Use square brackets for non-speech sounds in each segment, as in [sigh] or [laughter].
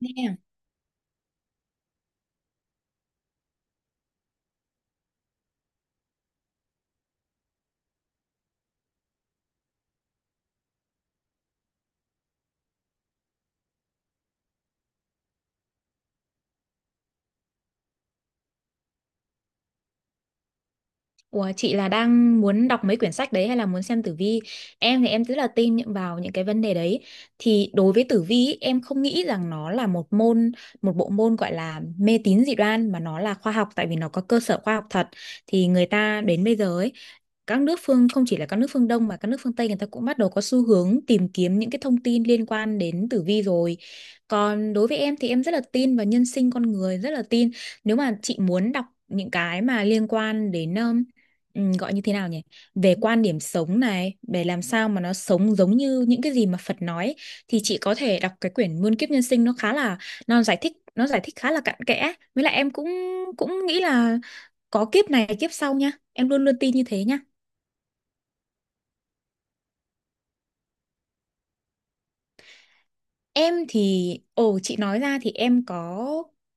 Nha. Ủa, chị là đang muốn đọc mấy quyển sách đấy hay là muốn xem tử vi? Em thì em rất là tin vào những cái vấn đề đấy. Thì đối với tử vi ý, em không nghĩ rằng nó là một môn, một bộ môn gọi là mê tín dị đoan mà nó là khoa học tại vì nó có cơ sở khoa học thật. Thì người ta đến bây giờ ấy, các nước phương không chỉ là các nước phương Đông mà các nước phương Tây người ta cũng bắt đầu có xu hướng tìm kiếm những cái thông tin liên quan đến tử vi rồi. Còn đối với em thì em rất là tin vào nhân sinh con người, rất là tin. Nếu mà chị muốn đọc những cái mà liên quan đến gọi như thế nào nhỉ, về quan điểm sống này để làm sao mà nó sống giống như những cái gì mà Phật nói ấy, thì chị có thể đọc cái quyển Muôn kiếp nhân sinh. Nó khá là, nó giải thích khá là cặn kẽ, với lại em cũng cũng nghĩ là có kiếp này kiếp sau nha, em luôn luôn tin như thế nha. Em thì, chị nói ra thì em có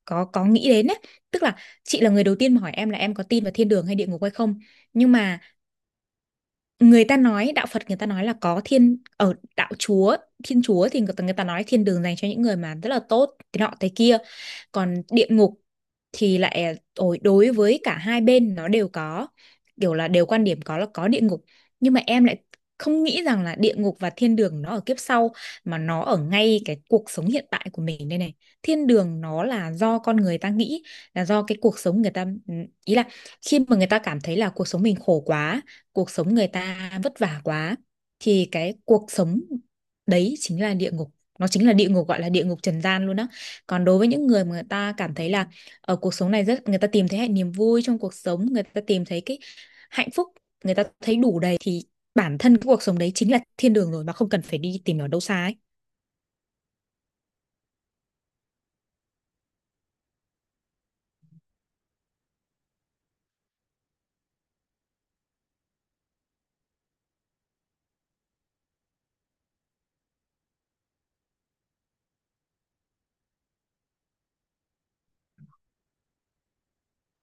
có nghĩ đến đấy. Tức là chị là người đầu tiên mà hỏi em là em có tin vào thiên đường hay địa ngục hay không. Nhưng mà người ta nói đạo Phật, người ta nói là có thiên, ở đạo Chúa, thiên Chúa thì người ta nói thiên đường dành cho những người mà rất là tốt thế nọ thế kia. Còn địa ngục thì lại đối với cả hai bên nó đều có, kiểu là đều quan điểm có là có địa ngục. Nhưng mà em lại không nghĩ rằng là địa ngục và thiên đường nó ở kiếp sau, mà nó ở ngay cái cuộc sống hiện tại của mình đây này. Thiên đường nó là do con người ta nghĩ, là do cái cuộc sống người ta, ý là khi mà người ta cảm thấy là cuộc sống mình khổ quá, cuộc sống người ta vất vả quá, thì cái cuộc sống đấy chính là địa ngục, nó chính là địa ngục, gọi là địa ngục trần gian luôn đó. Còn đối với những người mà người ta cảm thấy là ở cuộc sống này rất, người ta tìm thấy hạnh, niềm vui trong cuộc sống, người ta tìm thấy cái hạnh phúc, người ta thấy đủ đầy thì bản thân cái cuộc sống đấy chính là thiên đường rồi, mà không cần phải đi tìm ở đâu xa ấy.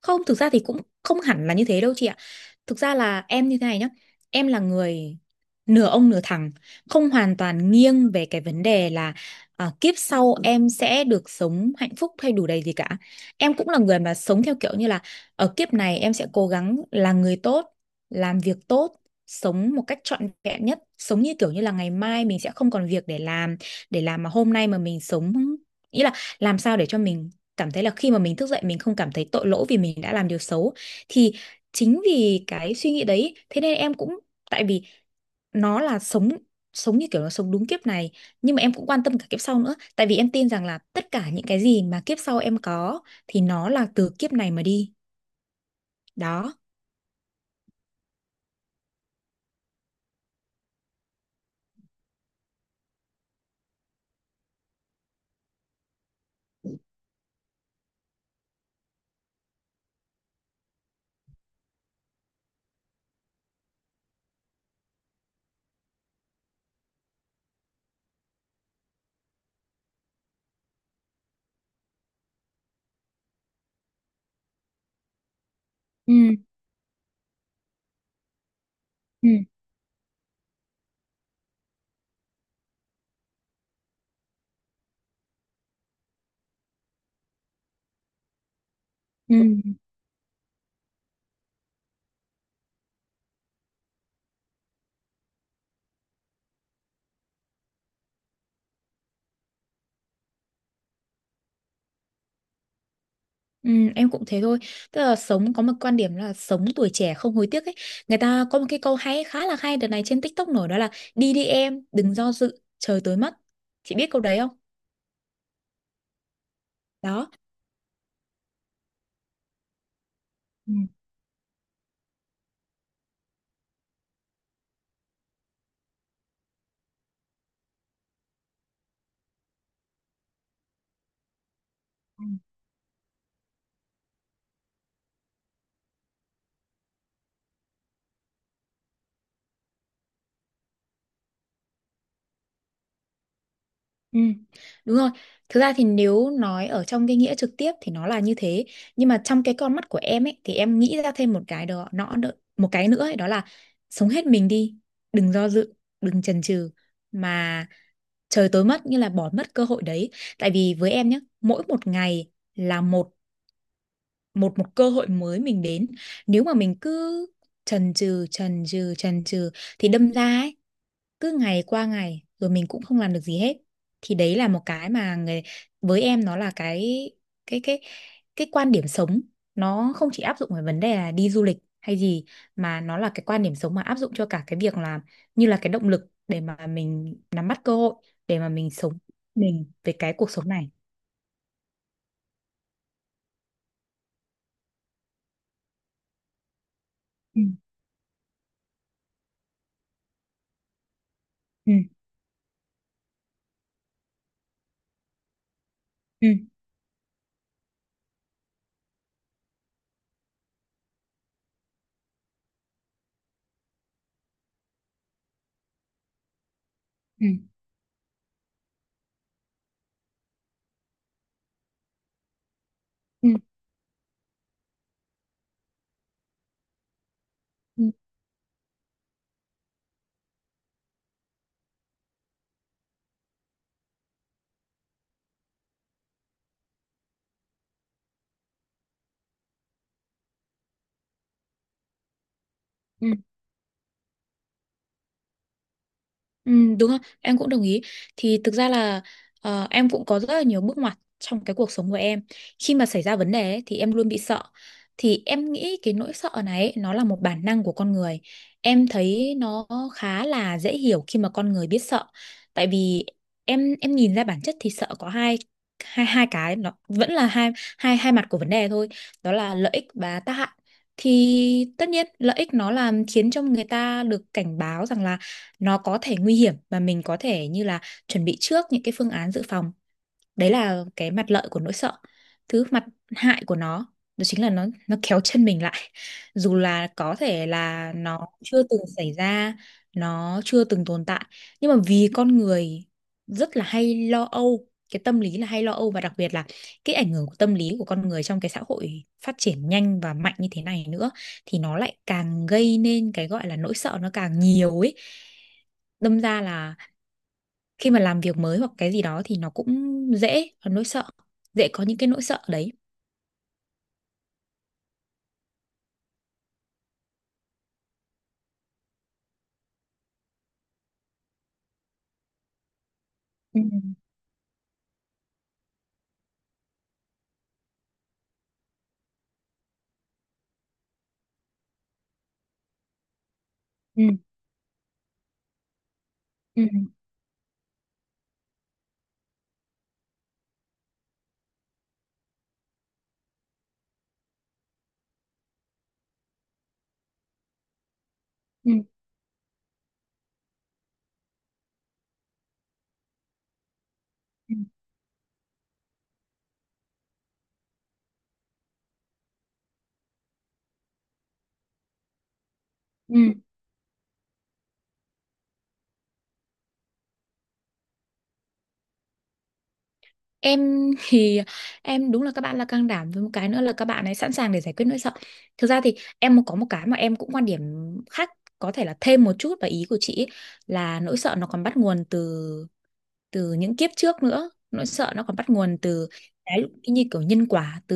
Không, thực ra thì cũng không hẳn là như thế đâu chị ạ. Thực ra là em như thế này nhá. Em là người nửa ông nửa thằng, không hoàn toàn nghiêng về cái vấn đề là à, kiếp sau em sẽ được sống hạnh phúc hay đủ đầy gì cả. Em cũng là người mà sống theo kiểu như là ở kiếp này em sẽ cố gắng là người tốt, làm việc tốt, sống một cách trọn vẹn nhất, sống như kiểu như là ngày mai mình sẽ không còn việc để làm, mà hôm nay mà mình sống, ý là làm sao để cho mình cảm thấy là khi mà mình thức dậy mình không cảm thấy tội lỗi vì mình đã làm điều xấu. Thì chính vì cái suy nghĩ đấy thế nên em cũng, tại vì nó là sống, như kiểu là sống đúng kiếp này. Nhưng mà em cũng quan tâm cả kiếp sau nữa tại vì em tin rằng là tất cả những cái gì mà kiếp sau em có thì nó là từ kiếp này mà đi. Đó. Ừ, ừ, ừ. Ừ, em cũng thế thôi, tức là sống có một quan điểm là sống tuổi trẻ không hối tiếc ấy. Người ta có một cái câu hay, khá là hay đợt này trên TikTok nổi, đó là đi đi em đừng do dự trời tối mất, chị biết câu đấy không? Đó. Ừ. Ừ, đúng rồi. Thực ra thì nếu nói ở trong cái nghĩa trực tiếp thì nó là như thế, nhưng mà trong cái con mắt của em ấy thì em nghĩ ra thêm một cái, đó nó một cái nữa ấy, đó là sống hết mình đi, đừng do dự, đừng chần chừ mà trời tối mất, như là bỏ mất cơ hội đấy. Tại vì với em nhé, mỗi một ngày là một một một cơ hội mới mình đến. Nếu mà mình cứ chần chừ thì đâm ra ấy, cứ ngày qua ngày rồi mình cũng không làm được gì hết. Thì đấy là một cái mà người, với em nó là cái cái cái cái quan điểm sống. Nó không chỉ áp dụng về vấn đề là đi du lịch hay gì, mà nó là cái quan điểm sống mà áp dụng cho cả cái việc là như là cái động lực để mà mình nắm bắt cơ hội, để mà mình sống, mình về cái cuộc sống này. Ừ, ừ, ừ, ừ, ừ, ừ, ừ. Ừ, đúng không? Em cũng đồng ý. Thì thực ra là em cũng có rất là nhiều bước ngoặt trong cái cuộc sống của em. Khi mà xảy ra vấn đề ấy, thì em luôn bị sợ. Thì em nghĩ cái nỗi sợ này ấy, nó là một bản năng của con người. Em thấy nó khá là dễ hiểu khi mà con người biết sợ. Tại vì em nhìn ra bản chất thì sợ có hai, hai cái, nó vẫn là hai hai hai mặt của vấn đề thôi. Đó là lợi ích và tác hại. Thì tất nhiên lợi ích nó làm khiến cho người ta được cảnh báo rằng là nó có thể nguy hiểm và mình có thể như là chuẩn bị trước những cái phương án dự phòng, đấy là cái mặt lợi của nỗi sợ. Thứ, mặt hại của nó đó chính là nó kéo chân mình lại [laughs] dù là có thể là nó chưa từng xảy ra, nó chưa từng tồn tại. Nhưng mà vì con người rất là hay lo âu, cái tâm lý là hay lo âu, và đặc biệt là cái ảnh hưởng của tâm lý của con người trong cái xã hội phát triển nhanh và mạnh như thế này nữa, thì nó lại càng gây nên cái gọi là nỗi sợ nó càng nhiều ấy. Đâm ra là khi mà làm việc mới hoặc cái gì đó thì nó cũng dễ có nỗi sợ, dễ có những cái nỗi sợ đấy. Ừ, ừ, ừ, ừ, ừ, ừ. Em [laughs] thì, em đúng là các bạn là can đảm, với một cái nữa là các bạn ấy sẵn sàng để giải quyết nỗi sợ. Thực ra thì em có một cái mà em cũng quan điểm khác, có thể là thêm một chút vào ý của chị ấy, là nỗi sợ nó còn bắt nguồn từ, những kiếp trước nữa, nỗi sợ nó còn bắt nguồn từ cái, như kiểu nhân quả từ,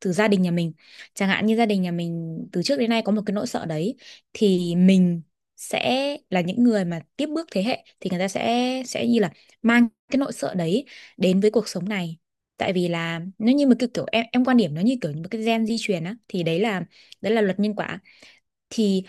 gia đình nhà mình. Chẳng hạn như gia đình nhà mình từ trước đến nay có một cái nỗi sợ đấy thì mình sẽ là những người mà tiếp bước thế hệ, thì người ta sẽ như là mang cái nỗi sợ đấy đến với cuộc sống này. Tại vì là nó như một cái kiểu, em quan điểm nó như kiểu một cái gen di truyền á, thì đấy là luật nhân quả. Thì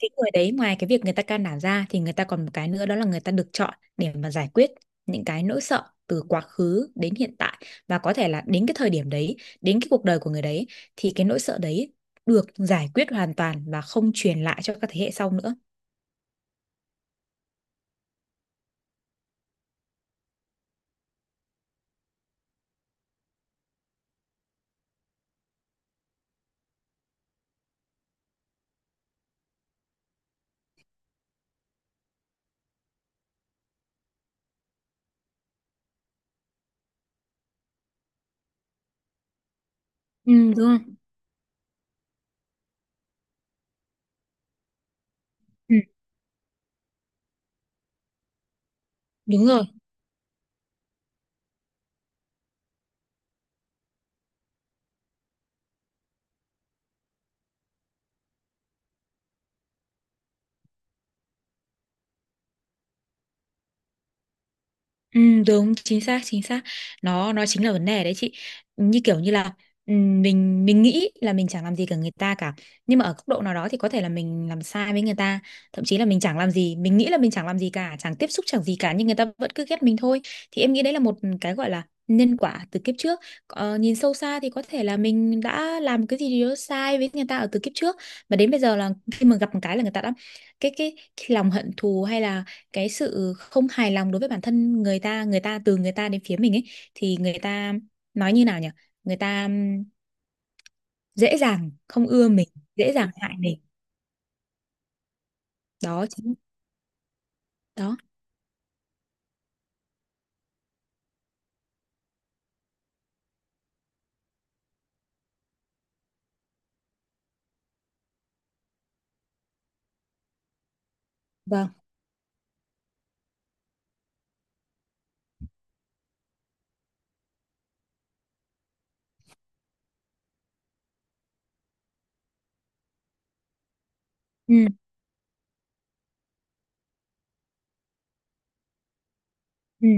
cái người đấy ngoài cái việc người ta can đảm ra thì người ta còn một cái nữa, đó là người ta được chọn để mà giải quyết những cái nỗi sợ từ quá khứ đến hiện tại, và có thể là đến cái thời điểm đấy, đến cái cuộc đời của người đấy, thì cái nỗi sợ đấy được giải quyết hoàn toàn và không truyền lại cho các thế hệ sau nữa. Ừ, đúng rồi. Ừ, đúng rồi. Ừ, đúng, chính xác, chính xác. Nó nó chính là vấn đề đấy chị. Như kiểu như là mình nghĩ là mình chẳng làm gì cả người ta cả, nhưng mà ở góc độ nào đó thì có thể là mình làm sai với người ta. Thậm chí là mình chẳng làm gì, mình nghĩ là mình chẳng làm gì cả, chẳng tiếp xúc chẳng gì cả, nhưng người ta vẫn cứ ghét mình thôi. Thì em nghĩ đấy là một cái gọi là nhân quả từ kiếp trước. Ờ, nhìn sâu xa thì có thể là mình đã làm cái gì đó sai với người ta ở từ kiếp trước, mà đến bây giờ là khi mà gặp một cái là người ta đã, cái lòng hận thù hay là cái sự không hài lòng đối với bản thân người ta, từ người ta đến phía mình ấy, thì người ta, nói như nào nhỉ, người ta dễ dàng không ưa mình, dễ dàng hại mình. Đó chính, đó. Vâng. Ừ, ừ,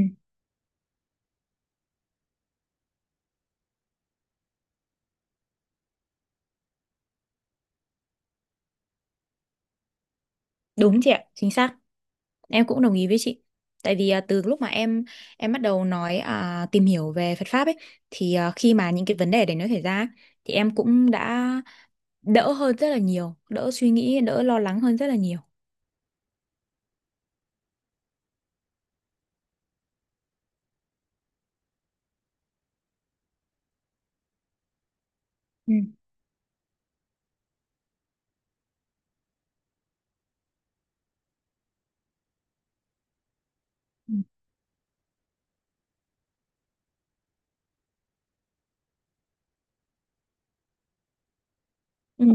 đúng chị ạ, chính xác. Em cũng đồng ý với chị. Tại vì từ lúc mà em bắt đầu nói tìm hiểu về Phật pháp ấy, thì khi mà những cái vấn đề đấy nó xảy ra ấy, thì em cũng đã đỡ hơn rất là nhiều, đỡ suy nghĩ, đỡ lo lắng hơn rất là nhiều. Ừ. Ừ. Ừ.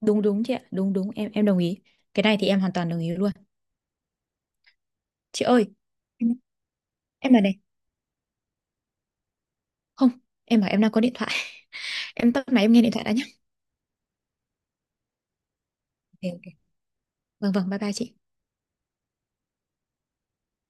Đúng đúng chị ạ, đúng đúng, em đồng ý. Cái này thì em hoàn toàn đồng ý luôn. Chị ơi, em em là này. Không, em bảo em đang có điện thoại [laughs] em tắt máy em nghe điện thoại đã nhé. Ok ok, vâng vâng, bye bye chị.